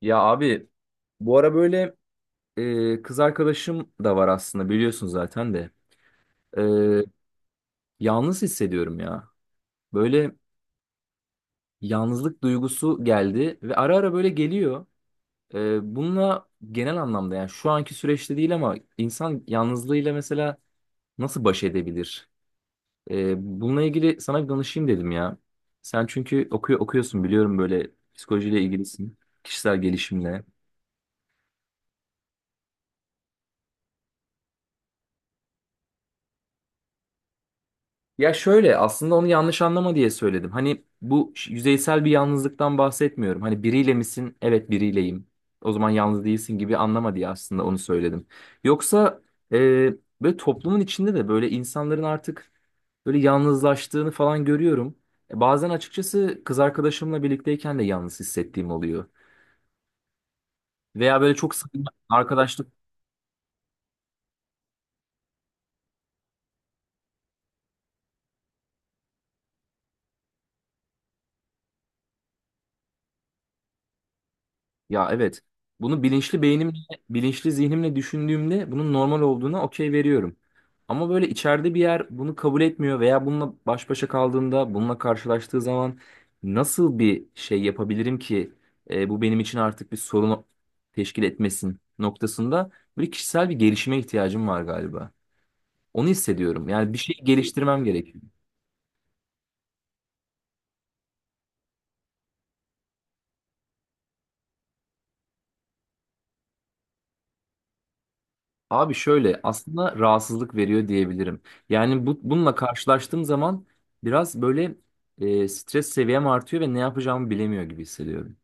Ya abi, bu ara böyle kız arkadaşım da var aslında, biliyorsun zaten de. E, Yalnız hissediyorum ya. Böyle yalnızlık duygusu geldi ve ara ara böyle geliyor. Bununla genel anlamda, yani şu anki süreçte değil ama insan yalnızlığıyla mesela nasıl baş edebilir? E, Bununla ilgili sana bir danışayım dedim ya. Sen çünkü okuyorsun, biliyorum, böyle psikolojiyle ilgilisin. Kişisel gelişimle. Ya şöyle, aslında onu yanlış anlama diye söyledim. Hani bu yüzeysel bir yalnızlıktan bahsetmiyorum. Hani biriyle misin? Evet, biriyleyim. O zaman yalnız değilsin gibi anlama diye aslında onu söyledim. Yoksa e, böyle toplumun içinde de böyle insanların artık böyle yalnızlaştığını falan görüyorum. Bazen açıkçası kız arkadaşımla birlikteyken de yalnız hissettiğim oluyor. Veya böyle çok sıkı arkadaşlık... Ya evet. Bunu bilinçli zihnimle düşündüğümde bunun normal olduğuna okey veriyorum. Ama böyle içeride bir yer bunu kabul etmiyor veya bununla baş başa kaldığında, bununla karşılaştığı zaman nasıl bir şey yapabilirim ki bu benim için artık bir sorun teşkil etmesin noktasında böyle kişisel bir gelişime ihtiyacım var galiba. Onu hissediyorum. Yani bir şey geliştirmem gerekiyor. Abi, şöyle, aslında rahatsızlık veriyor diyebilirim. Yani bununla karşılaştığım zaman biraz böyle stres seviyem artıyor ve ne yapacağımı bilemiyor gibi hissediyorum.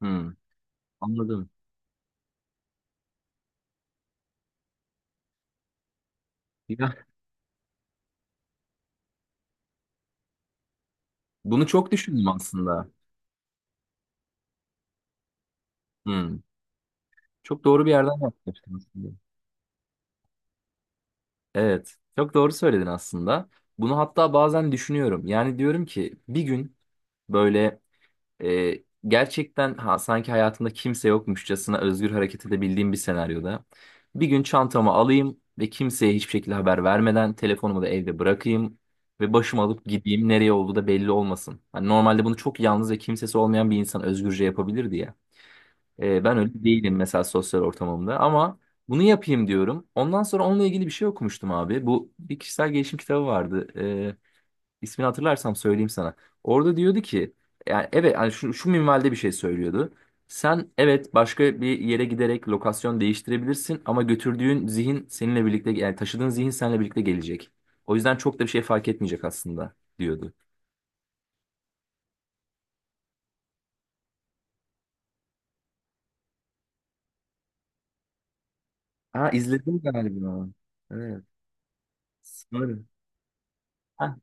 Hmm, Anladım. Ya, bunu çok düşündüm aslında. Hmm, Çok doğru bir yerden yaklaştın aslında. Evet, çok doğru söyledin aslında. Bunu hatta bazen düşünüyorum. Yani diyorum ki bir gün böyle... Gerçekten ha, sanki hayatımda kimse yokmuşçasına özgür hareket edebildiğim bir senaryoda. Bir gün çantamı alayım ve kimseye hiçbir şekilde haber vermeden telefonumu da evde bırakayım ve başımı alıp gideyim, nereye olduğu da belli olmasın. Hani normalde bunu çok yalnız ve kimsesi olmayan bir insan özgürce yapabilirdi ya. Ben öyle değilim mesela sosyal ortamımda, ama bunu yapayım diyorum. Ondan sonra onunla ilgili bir şey okumuştum abi. Bu bir kişisel gelişim kitabı vardı. İsmini hatırlarsam söyleyeyim sana. Orada diyordu ki, yani evet, yani şu minvalde bir şey söylüyordu. Sen evet başka bir yere giderek lokasyon değiştirebilirsin ama götürdüğün zihin seninle birlikte, yani taşıdığın zihin seninle birlikte gelecek. O yüzden çok da bir şey fark etmeyecek aslında diyordu. Ha, izledim galiba. Evet. Sanırım. Ha,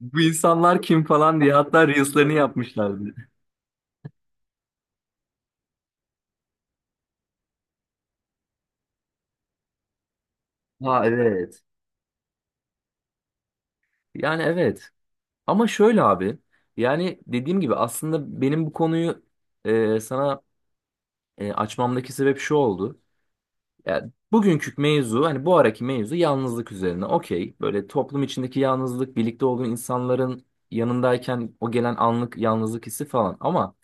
bu insanlar kim falan diye hatta Reels'lerini yapmışlardı. Ha evet. Yani evet. Ama şöyle abi. Yani dediğim gibi aslında benim bu konuyu sana açmamdaki sebep şu oldu. Yani bugünkü mevzu, hani bu araki mevzu yalnızlık üzerine. Okey. Böyle toplum içindeki yalnızlık, birlikte olduğun insanların yanındayken o gelen anlık yalnızlık hissi falan. Ama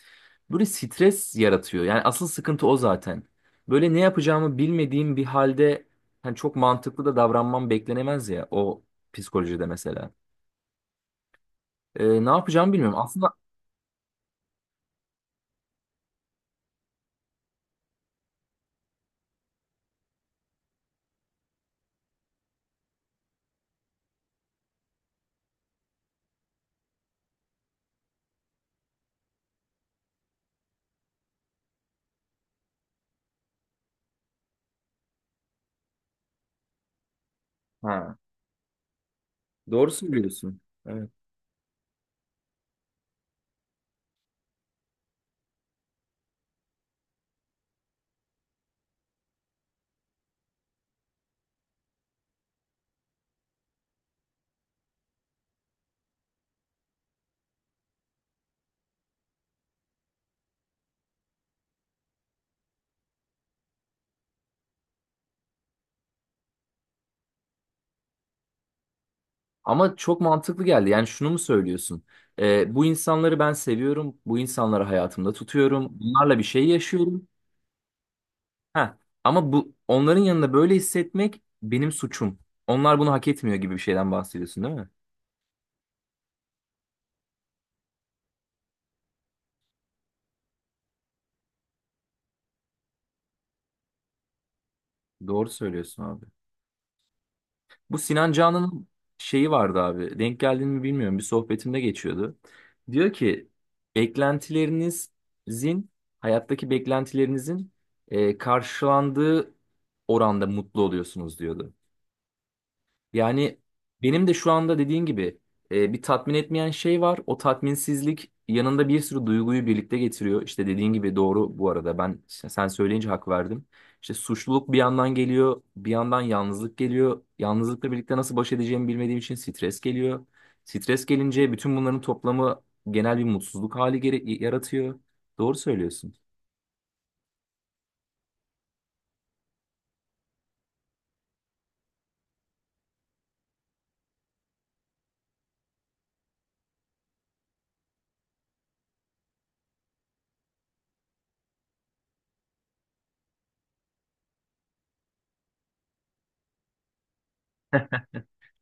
böyle stres yaratıyor. Yani asıl sıkıntı o zaten. Böyle ne yapacağımı bilmediğim bir halde, hani çok mantıklı da davranmam beklenemez ya, o psikolojide mesela. Ne yapacağımı bilmiyorum. Aslında ha, doğru söylüyorsun. Ama çok mantıklı geldi. Yani şunu mu söylüyorsun? Bu insanları ben seviyorum. Bu insanları hayatımda tutuyorum. Bunlarla bir şey yaşıyorum. Ha. Ama bu onların yanında böyle hissetmek benim suçum. Onlar bunu hak etmiyor gibi bir şeyden bahsediyorsun, değil mi? Doğru söylüyorsun abi. Bu Sinan Canan'ın şeyi vardı abi. Denk geldiğini mi bilmiyorum. Bir sohbetimde geçiyordu. Diyor ki beklentilerinizin, hayattaki beklentilerinizin karşılandığı oranda mutlu oluyorsunuz diyordu. Yani benim de şu anda dediğin gibi bir tatmin etmeyen şey var. O tatminsizlik yanında bir sürü duyguyu birlikte getiriyor. İşte dediğin gibi, doğru bu arada. Ben işte sen söyleyince hak verdim. İşte suçluluk bir yandan geliyor, bir yandan yalnızlık geliyor. Yalnızlıkla birlikte nasıl baş edeceğimi bilmediğim için stres geliyor. Stres gelince bütün bunların toplamı genel bir mutsuzluk hali yaratıyor. Doğru söylüyorsun.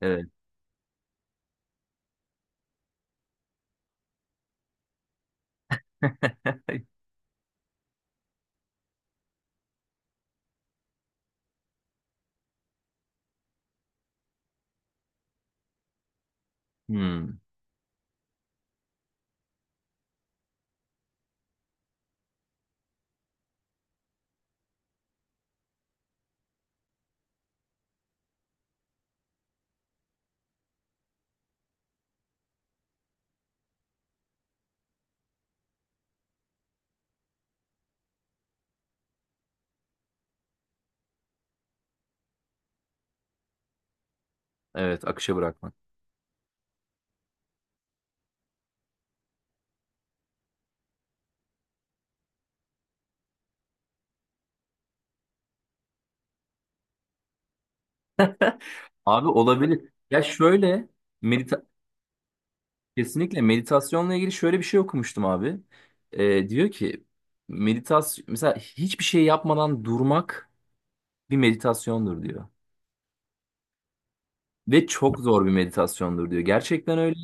Evet. Hmm, evet, akışa bırakmak. Abi olabilir. Ya şöyle... medita Kesinlikle meditasyonla ilgili şöyle bir şey okumuştum abi. Diyor ki meditasyon mesela hiçbir şey yapmadan durmak bir meditasyondur diyor. Ve çok zor bir meditasyondur diyor. Gerçekten öyle.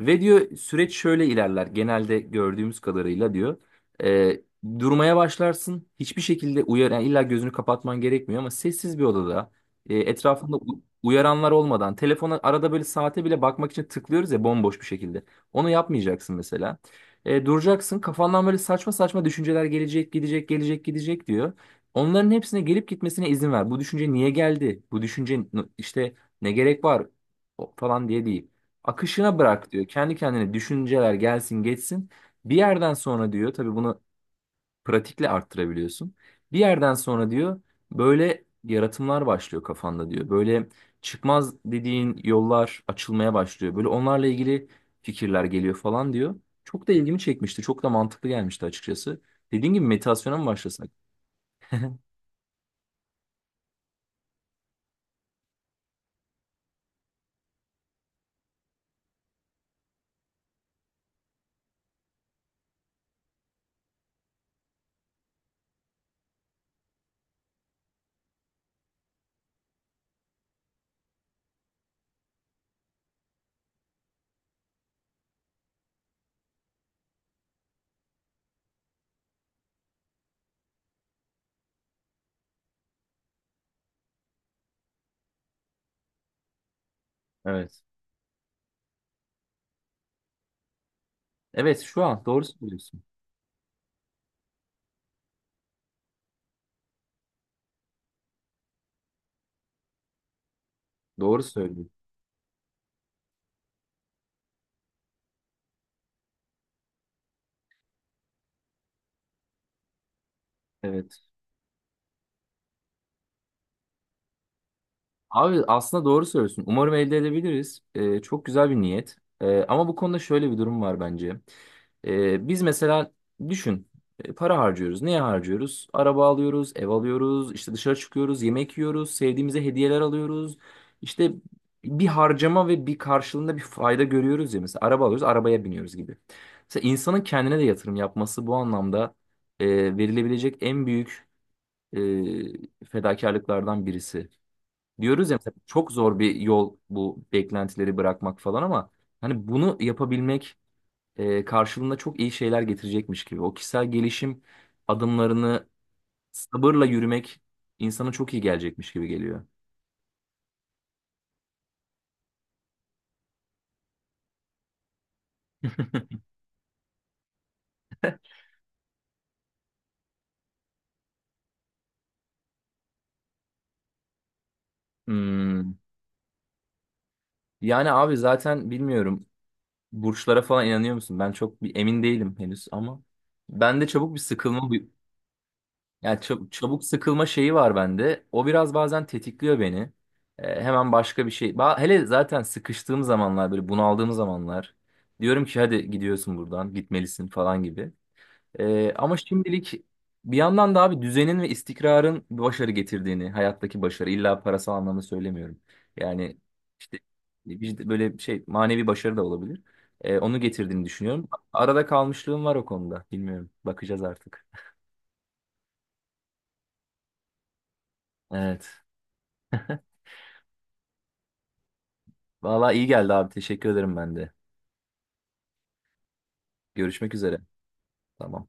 Ve diyor süreç şöyle ilerler. Genelde gördüğümüz kadarıyla diyor. Ee, Durmaya başlarsın. Hiçbir şekilde uyar, yani illa gözünü kapatman gerekmiyor ama sessiz bir odada, etrafında uyaranlar olmadan, telefona arada böyle saate bile bakmak için tıklıyoruz ya, bomboş bir şekilde. Onu yapmayacaksın mesela. Duracaksın. Kafandan böyle saçma saçma düşünceler gelecek, gidecek, gelecek, gidecek diyor. Onların hepsine gelip gitmesine izin ver. Bu düşünce niye geldi? Bu düşünce işte ne gerek var, falan diye değil. Akışına bırak diyor. Kendi kendine düşünceler gelsin geçsin. Bir yerden sonra diyor tabii bunu pratikle arttırabiliyorsun. Bir yerden sonra diyor böyle yaratımlar başlıyor kafanda diyor. Böyle çıkmaz dediğin yollar açılmaya başlıyor. Böyle onlarla ilgili fikirler geliyor falan diyor. Çok da ilgimi çekmişti. Çok da mantıklı gelmişti açıkçası. Dediğin gibi meditasyona mı başlasak? Evet. Evet, şu an doğru söylüyorsun. Doğru söylüyorsun. Evet. Abi aslında doğru söylüyorsun. Umarım elde edebiliriz. Çok güzel bir niyet. Ama bu konuda şöyle bir durum var bence. Biz mesela düşün, para harcıyoruz. Neye harcıyoruz? Araba alıyoruz, ev alıyoruz, işte dışarı çıkıyoruz, yemek yiyoruz, sevdiğimize hediyeler alıyoruz. İşte bir harcama ve bir karşılığında bir fayda görüyoruz ya. Mesela araba alıyoruz, arabaya biniyoruz gibi. Mesela insanın kendine de yatırım yapması bu anlamda e, verilebilecek en büyük e, fedakarlıklardan birisi. Diyoruz ya mesela çok zor bir yol bu beklentileri bırakmak falan, ama hani bunu yapabilmek karşılığında çok iyi şeyler getirecekmiş gibi. O kişisel gelişim adımlarını sabırla yürümek insana çok iyi gelecekmiş gibi geliyor. Hmm. Yani abi zaten bilmiyorum, burçlara falan inanıyor musun? Ben çok bir emin değilim henüz, ama bende çabuk bir sıkılma yani çabuk sıkılma şeyi var bende. O biraz bazen tetikliyor beni. Hemen başka bir şey. Hele zaten sıkıştığım zamanlar, böyle bunaldığım zamanlar. Diyorum ki hadi gidiyorsun, buradan gitmelisin falan gibi. Ama şimdilik bir yandan da abi düzenin ve istikrarın başarı getirdiğini, hayattaki başarı illa parasal anlamda söylemiyorum. Yani işte böyle şey, manevi başarı da olabilir. Onu getirdiğini düşünüyorum. Arada kalmışlığım var o konuda. Bilmiyorum. Bakacağız artık. Evet. Valla iyi geldi abi. Teşekkür ederim ben de. Görüşmek üzere. Tamam.